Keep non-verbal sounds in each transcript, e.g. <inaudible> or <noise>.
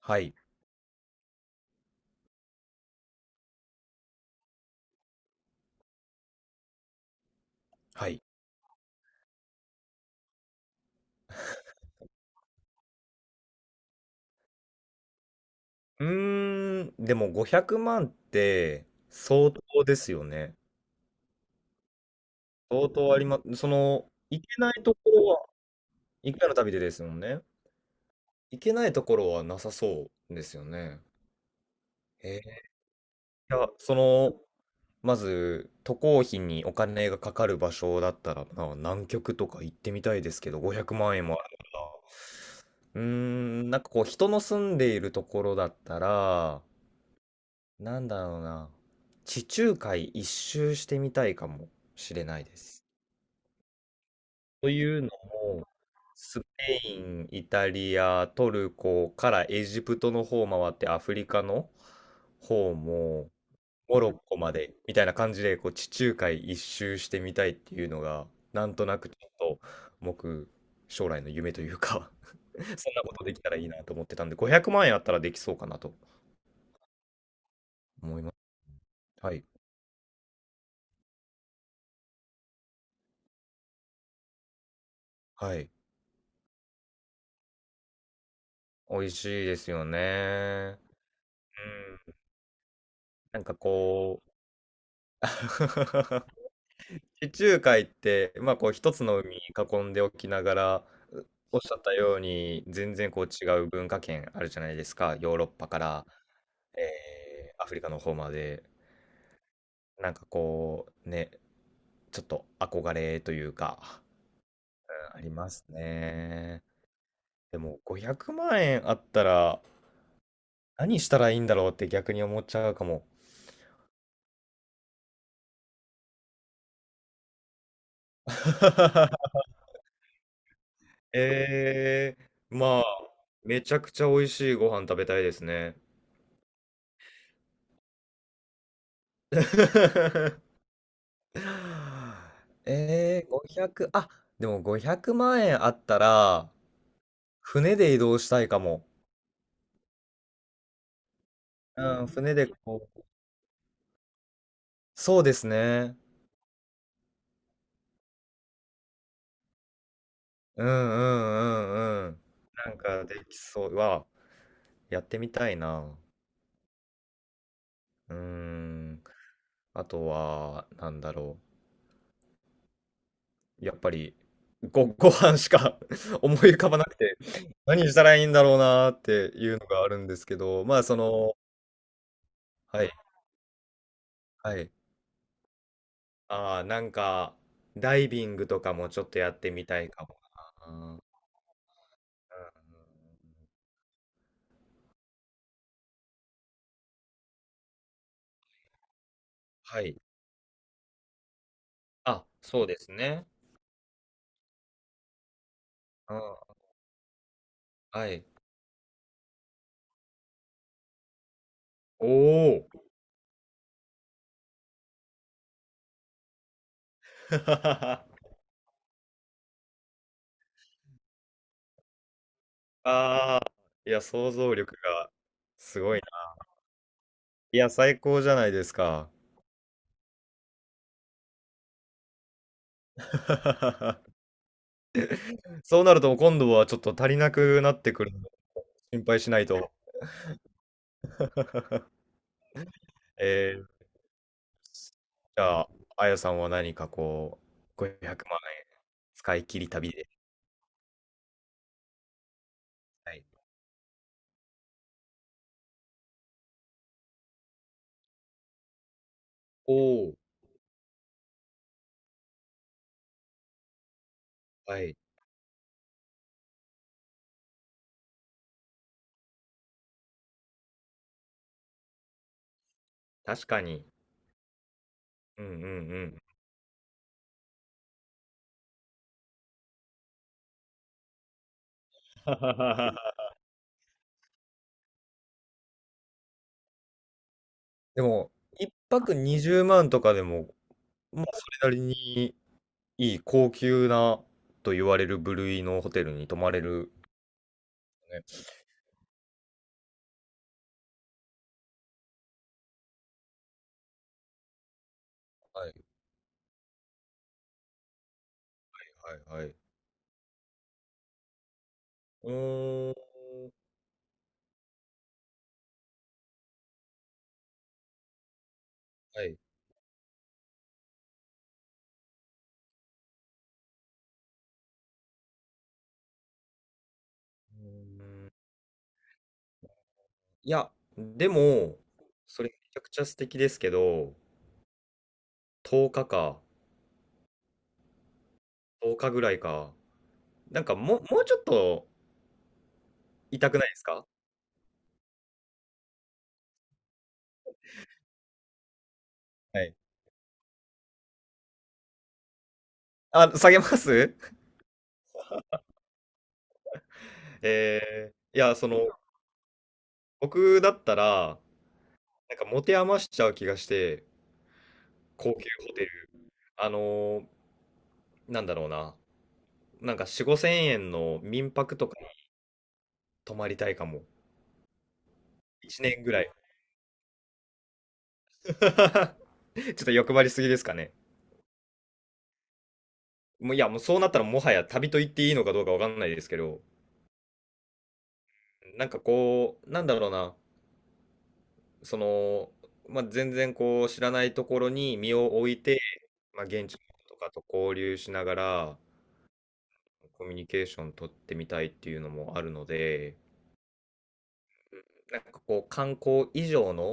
はい。はい。うーん、でも500万って相当ですよね。相当ありま、す。行けないところは、1回の旅でですもんね。行けないところはなさそうですよね。いや、まず、渡航費にお金がかかる場所だったら、まあ南極とか行ってみたいですけど、500万円もある。うーん、なんかこう、人の住んでいるところだったら、なんだろうな。地中海一周してみたいかもしれないです。というのも、スペイン、イタリア、トルコからエジプトの方を回ってアフリカの方もモロッコまでみたいな感じでこう地中海一周してみたいっていうのがなんとなくちょっと僕将来の夢というか <laughs> そんなことできたらいいなと思ってたんで500万円あったらできそうかなと思います。はい。はい。美味しいですよね。うん。なんかこう <laughs> 地中海って、まあこう一つの海に囲んでおきながら、おっしゃったように全然こう違う文化圏あるじゃないですか。ヨーロッパから、えーアフリカの方まで。なんかこうね、ちょっと憧れというか、ありますね。でも500万円あったら何したらいいんだろうって逆に思っちゃうかも。<laughs> ええ、まあ、めちゃくちゃ美味しいご飯食べたいですね。<laughs> ええ、500、あ、でも500万円あったら、船で移動したいかも。うん、船でこう、そうですね。うんうんうんうん。なんかできそう。はわ、やってみたいな。うーん。あとは、なんだろ、やっぱり、<laughs> ご飯しか <laughs> 思い浮かばなくて、何したらいいんだろうなっていうのがあるんですけど、まあ、はい、はい。ああ、なんか、ダイビングとかもちょっとやってみたいかもな。うんうん、はい。あ、そうですね。うん、はい。おお。<laughs> ああ、いや、想像力がすごいな。いや、最高じゃないですか。<laughs> そうなると今度はちょっと足りなくなってくる。心配しないと。<laughs> えー、じゃあ、あやさんは何かこう、500万円使い切り旅で。はい。おお、はい。確かに。うんうんうん。<laughs> でも、一泊20万とかでも、まあ、それなりにいい高級なと言われる部類のホテルに泊まれる、ね。はいはいはい。うーん、はい。うーん、いや、でも、それめちゃくちゃ素敵ですけど、10日かか。10日ぐらいか。なんか、もうちょっと痛くないですか？はい。あ、下げます？<laughs> ええ、いや、僕だったら、なんか持て余しちゃう気がして、高級ホテル、あのー、なんだろうな、なんか4、5千円の民泊とかに泊まりたいかも。1年ぐらい。<laughs> ちょっと欲張りすぎですかね。もう、いや、もうそうなったらもはや旅と言っていいのかどうかわかんないですけど、なんかこう、なんだろうな、その、まあ、全然こう知らないところに身を置いて、まあ、現地の人とかと交流しながらコミュニケーション取ってみたいっていうのもあるので、なんかこう観光以上の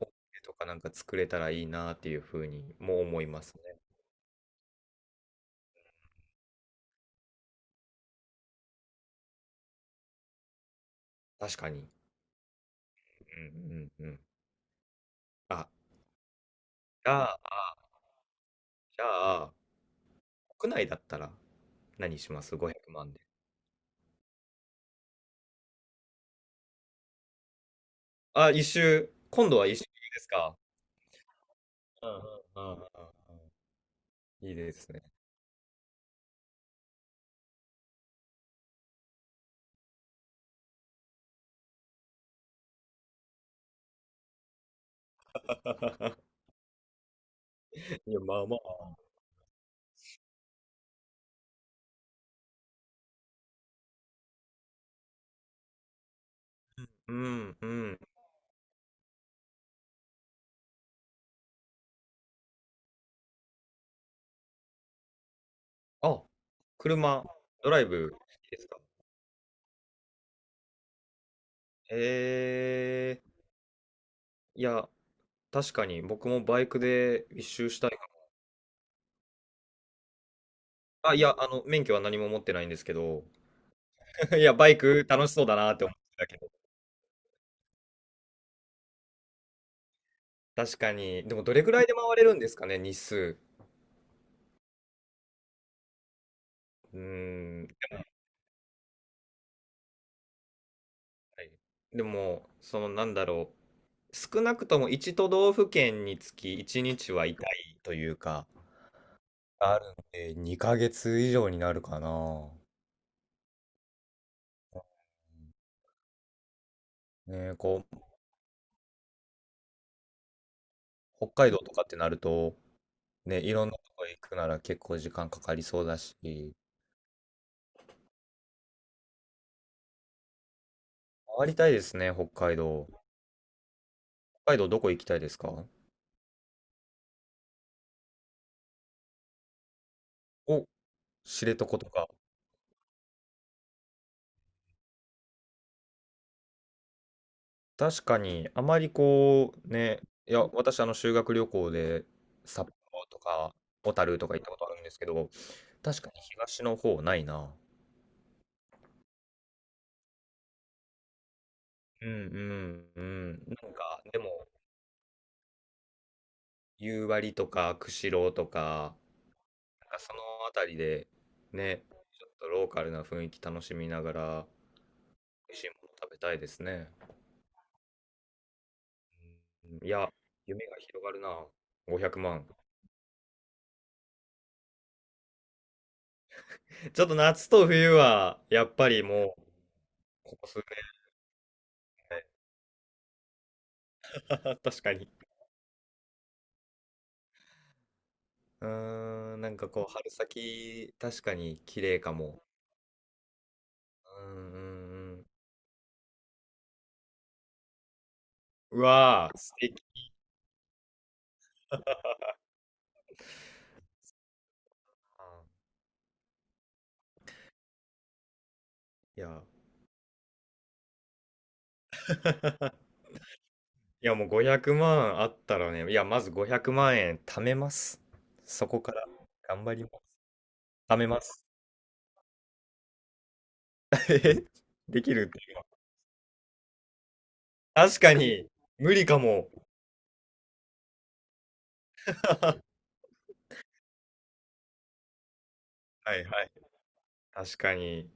思いとかなんか作れたらいいなっていうふうにも思いますね。確かに。うんうんうん。あ、じゃあ、じゃあ、国内だったら何します ?500 万で。あ、一周。今度は一周ですか？うんうんうんうん。いいですね。いや、まあまあ。うんうん。あ、車、ドライブ好きですか？ええ、いや、確かに僕もバイクで一周したいかも。あ、いや、免許は何も持ってないんですけど、<laughs> いや、バイク楽しそうだなって思ってたけど。確かに。でも、どれぐらいで回れるんですかね、日数。うーん。はい、でも、なんだろう。少なくとも一都道府県につき1日はいたいというか、あるんで、2ヶ月以上になるかな。ね、こう、北海道とかってなると、ね、いろんなとこ行くなら結構時間かかりそうだし、回りたいですね、北海道。北海道どこ行きたいですか？お、知床とか。確かに、あまりこう、ね、いや、私、修学旅行で札幌とか小樽とか行ったことあるんですけど、確かに東の方ないな。うんうんうん。なんか、でも、夕張とか、釧路とか、なんかそのあたりでね、ちょっとローカルな雰囲気楽しみながら、美味しいもの食べたいですね。うん、いや、夢が広がるな。500万。ちょっと夏と冬は、やっぱりもう、ここ数年ね。<laughs> 確かに。うーん、なんかこう、春先、確かに綺麗かも。うんうんうん。うわー、素敵。いや、<laughs> いやもう500万あったらね、いや、まず500万円貯めます。そこから頑張ります。貯めます。<laughs> えできるっていうのは確かに、無理かも。はいはい。確かに。